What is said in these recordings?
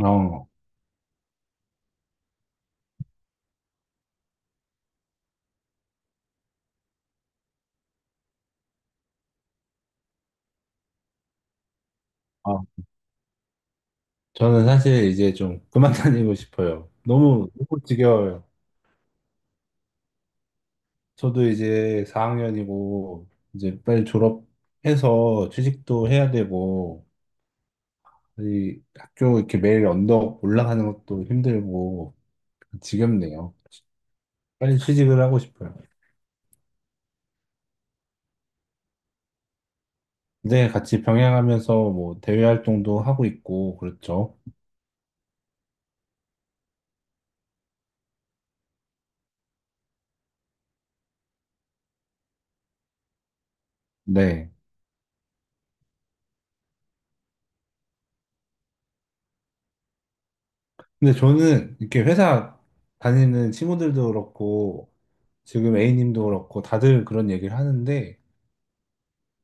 어, 아, 저는 사실 이제 좀 그만 다니고 싶어요. 너무, 너무 지겨워요. 저도 이제 4학년이고, 이제 빨리 졸업해서 취직도 해야 되고, 이 학교 이렇게 매일 언덕 올라가는 것도 힘들고, 지겹네요. 빨리 취직을 하고 싶어요. 근데 같이 병행하면서 뭐 대외 활동도 하고 있고, 그렇죠. 네. 근데 저는 이렇게 회사 다니는 친구들도 그렇고, 지금 A님도 그렇고 다들 그런 얘기를 하는데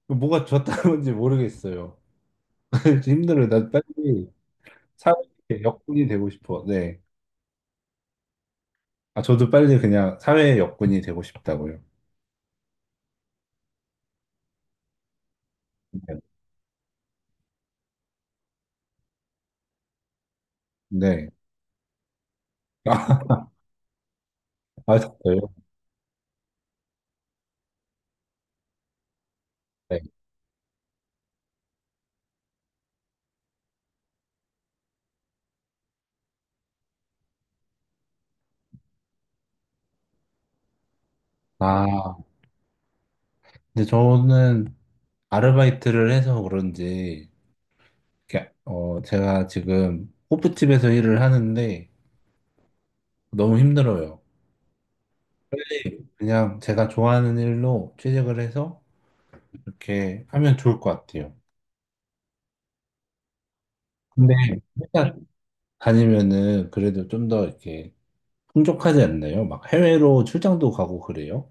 뭐가 좋았다는 건지 모르겠어요. 힘들어요. 나 빨리 사회의 역군이 되고 싶어. 네. 아, 저도 빨리 그냥 사회의 역군이 되고 싶다고요. 네. 네. 아, 아, 진짜요? 네. 아, 근데 저는 아르바이트를 해서 그런지 이렇게, 제가 지금 호프집에서 일을 하는데 너무 힘들어요. 그냥 제가 좋아하는 일로 취직을 해서 이렇게 하면 좋을 것 같아요. 근데 회사 다니면은 그래도 좀 더 이렇게 풍족하지 않나요? 막 해외로 출장도 가고 그래요?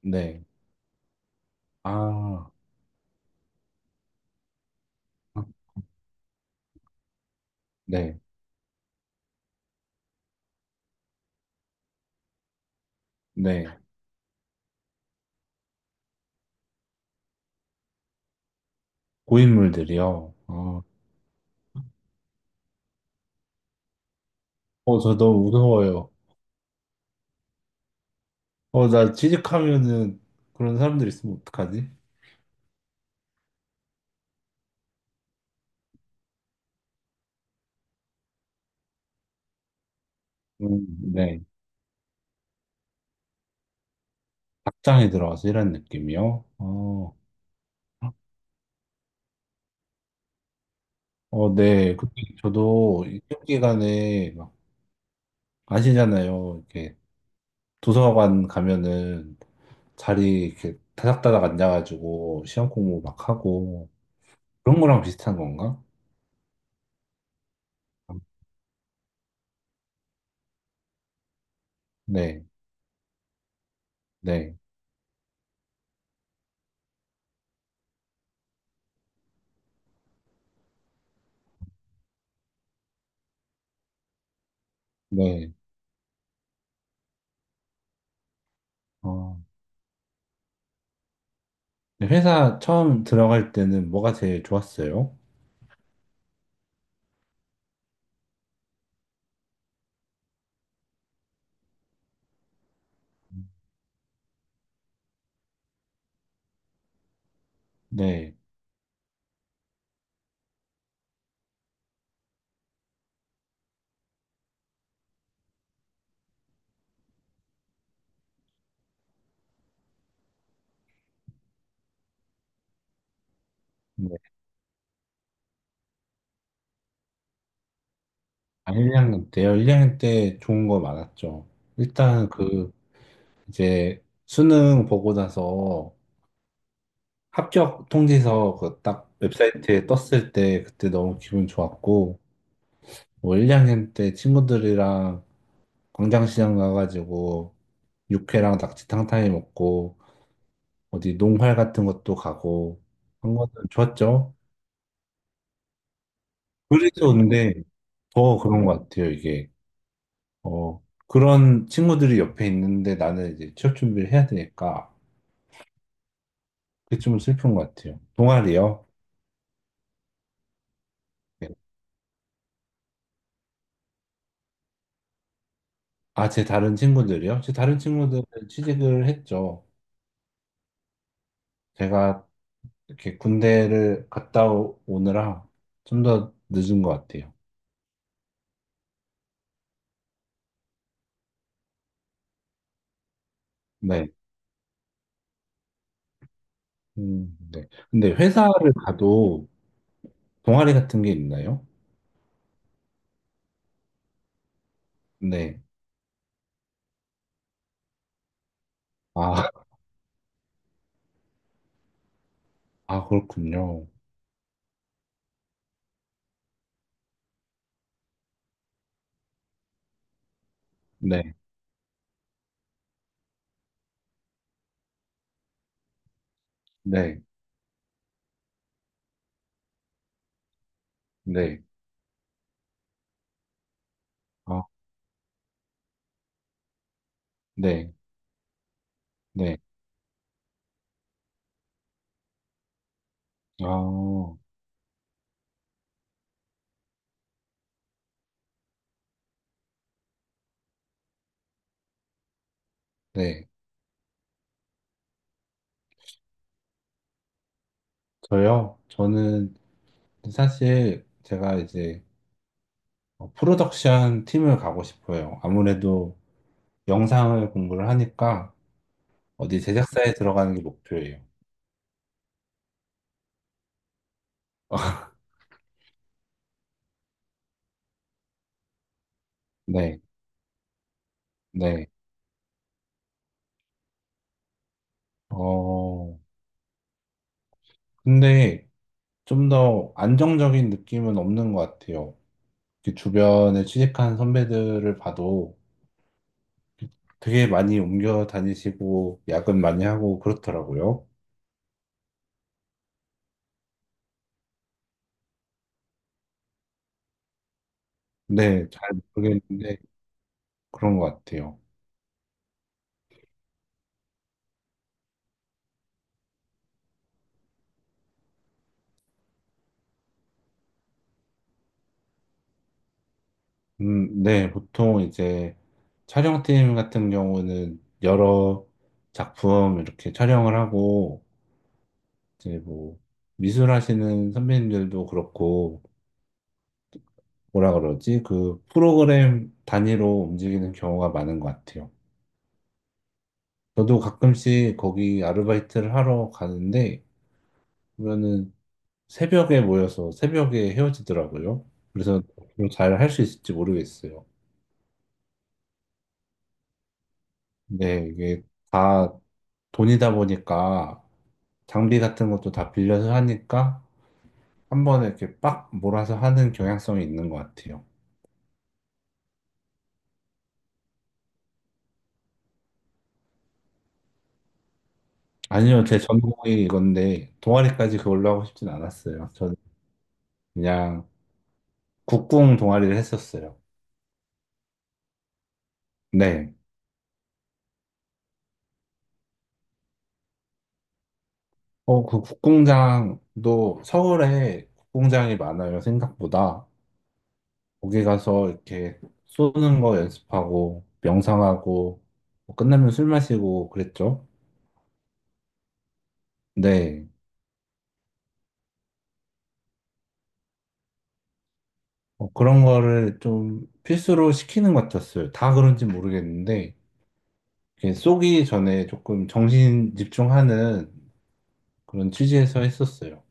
네. 아, 네. 네. 고인물들이요. 저 너무 무서워요. 나 취직하면은 그런 사람들 있으면 어떡하지? 음, 네. 닭장에 들어가서 일하는 느낌이요? 어, 어, 네. 근데 저도 이 시험 기간에 막 아시잖아요. 이렇게 도서관 가면은 자리 이렇게 다닥다닥 앉아가지고 시험 공부 막 하고 그런 거랑 비슷한 건가? 네, 네, 네. 어, 네, 회사 처음 들어갈 때는 뭐가 제일 좋았어요? 네, 네. 아, 1학년 때요. 1학년 때 좋은 거 많았죠. 일단 그 이제 수능 보고 나서 합격 통지서 그 딱 웹사이트에 떴을 때 그때 너무 기분 좋았고 뭐 1학년 때 친구들이랑 광장시장 가가지고 육회랑 낙지탕탕이 먹고 어디 농활 같은 것도 가고 한거은 좋았죠. 그래서 근데 더 그런 것 같아요. 이게 어 그런 친구들이 옆에 있는데 나는 이제 취업 준비를 해야 되니까 그게 좀 슬픈 것 같아요. 동아리요? 네. 아, 제 다른 친구들이요? 제 다른 친구들은 취직을 했죠. 제가 이렇게 군대를 갔다 오느라 좀 더 늦은 것 같아요. 네. 네. 근데 회사를 가도 동아리 같은 게 있나요? 네. 아, 아, 그렇군요. 네, 네, 네. 아, 네, 네. 아, 네. 저요? 저는 사실 제가 이제 프로덕션 팀을 가고 싶어요. 아무래도 영상을 공부를 하니까 어디 제작사에 들어가는 게 목표예요. 네, 네. 어, 근데 좀 더 안정적인 느낌은 없는 것 같아요. 그 주변에 취직한 선배들을 봐도 되게 많이 옮겨 다니시고 야근 많이 하고 그렇더라고요. 네, 잘 모르겠는데 그런 것 같아요. 네, 보통 이제 촬영팀 같은 경우는 여러 작품 이렇게 촬영을 하고 이제 뭐 미술하시는 선배님들도 그렇고 뭐라 그러지? 그 프로그램 단위로 움직이는 경우가 많은 것 같아요. 저도 가끔씩 거기 아르바이트를 하러 가는데 보면은 새벽에 모여서 새벽에 헤어지더라고요. 그래서 잘 할 수 있을지 모르겠어요. 네, 이게 다 돈이다 보니까 장비 같은 것도 다 빌려서 하니까 한 번에 이렇게 빡 몰아서 하는 경향성이 있는 것 같아요. 아니요, 제 전공이 이건데 동아리까지 그걸로 하고 싶진 않았어요. 저는 그냥 국궁 동아리를 했었어요. 네. 그 국궁장도 서울에 국궁장이 많아요, 생각보다. 거기 가서 이렇게 쏘는 거 연습하고 명상하고 뭐 끝나면 술 마시고 그랬죠. 네. 그런 거를 좀 필수로 시키는 것 같았어요. 다 그런지 모르겠는데 이렇게 쏘기 전에 조금 정신 집중하는 그런 취지에서 했었어요.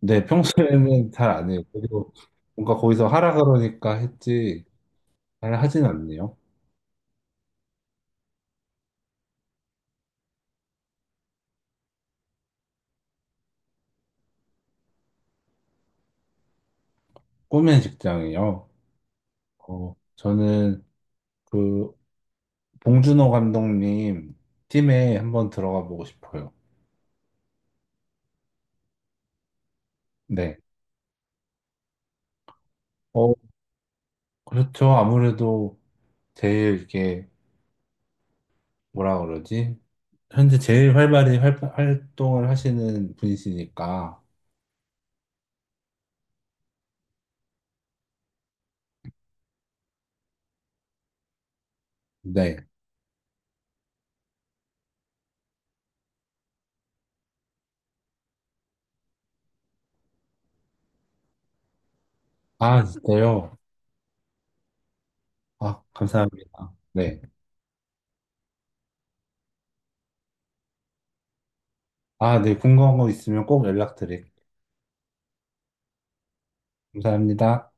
네, 평소에는 잘 안 해요. 그리고 뭔가 거기서 하라 그러니까 했지 잘 하진 않네요. 꿈의 직장이요. 저는 그 봉준호 감독님 팀에 한번 들어가 보고 싶어요. 네. 어, 그렇죠. 아무래도 제일 이렇게 뭐라 그러지? 현재 제일 활발히 활동을 하시는 분이시니까. 네. 아, 진짜요? 아, 감사합니다. 네. 아, 네. 궁금한 거 있으면 꼭 연락드릴게요. 감사합니다.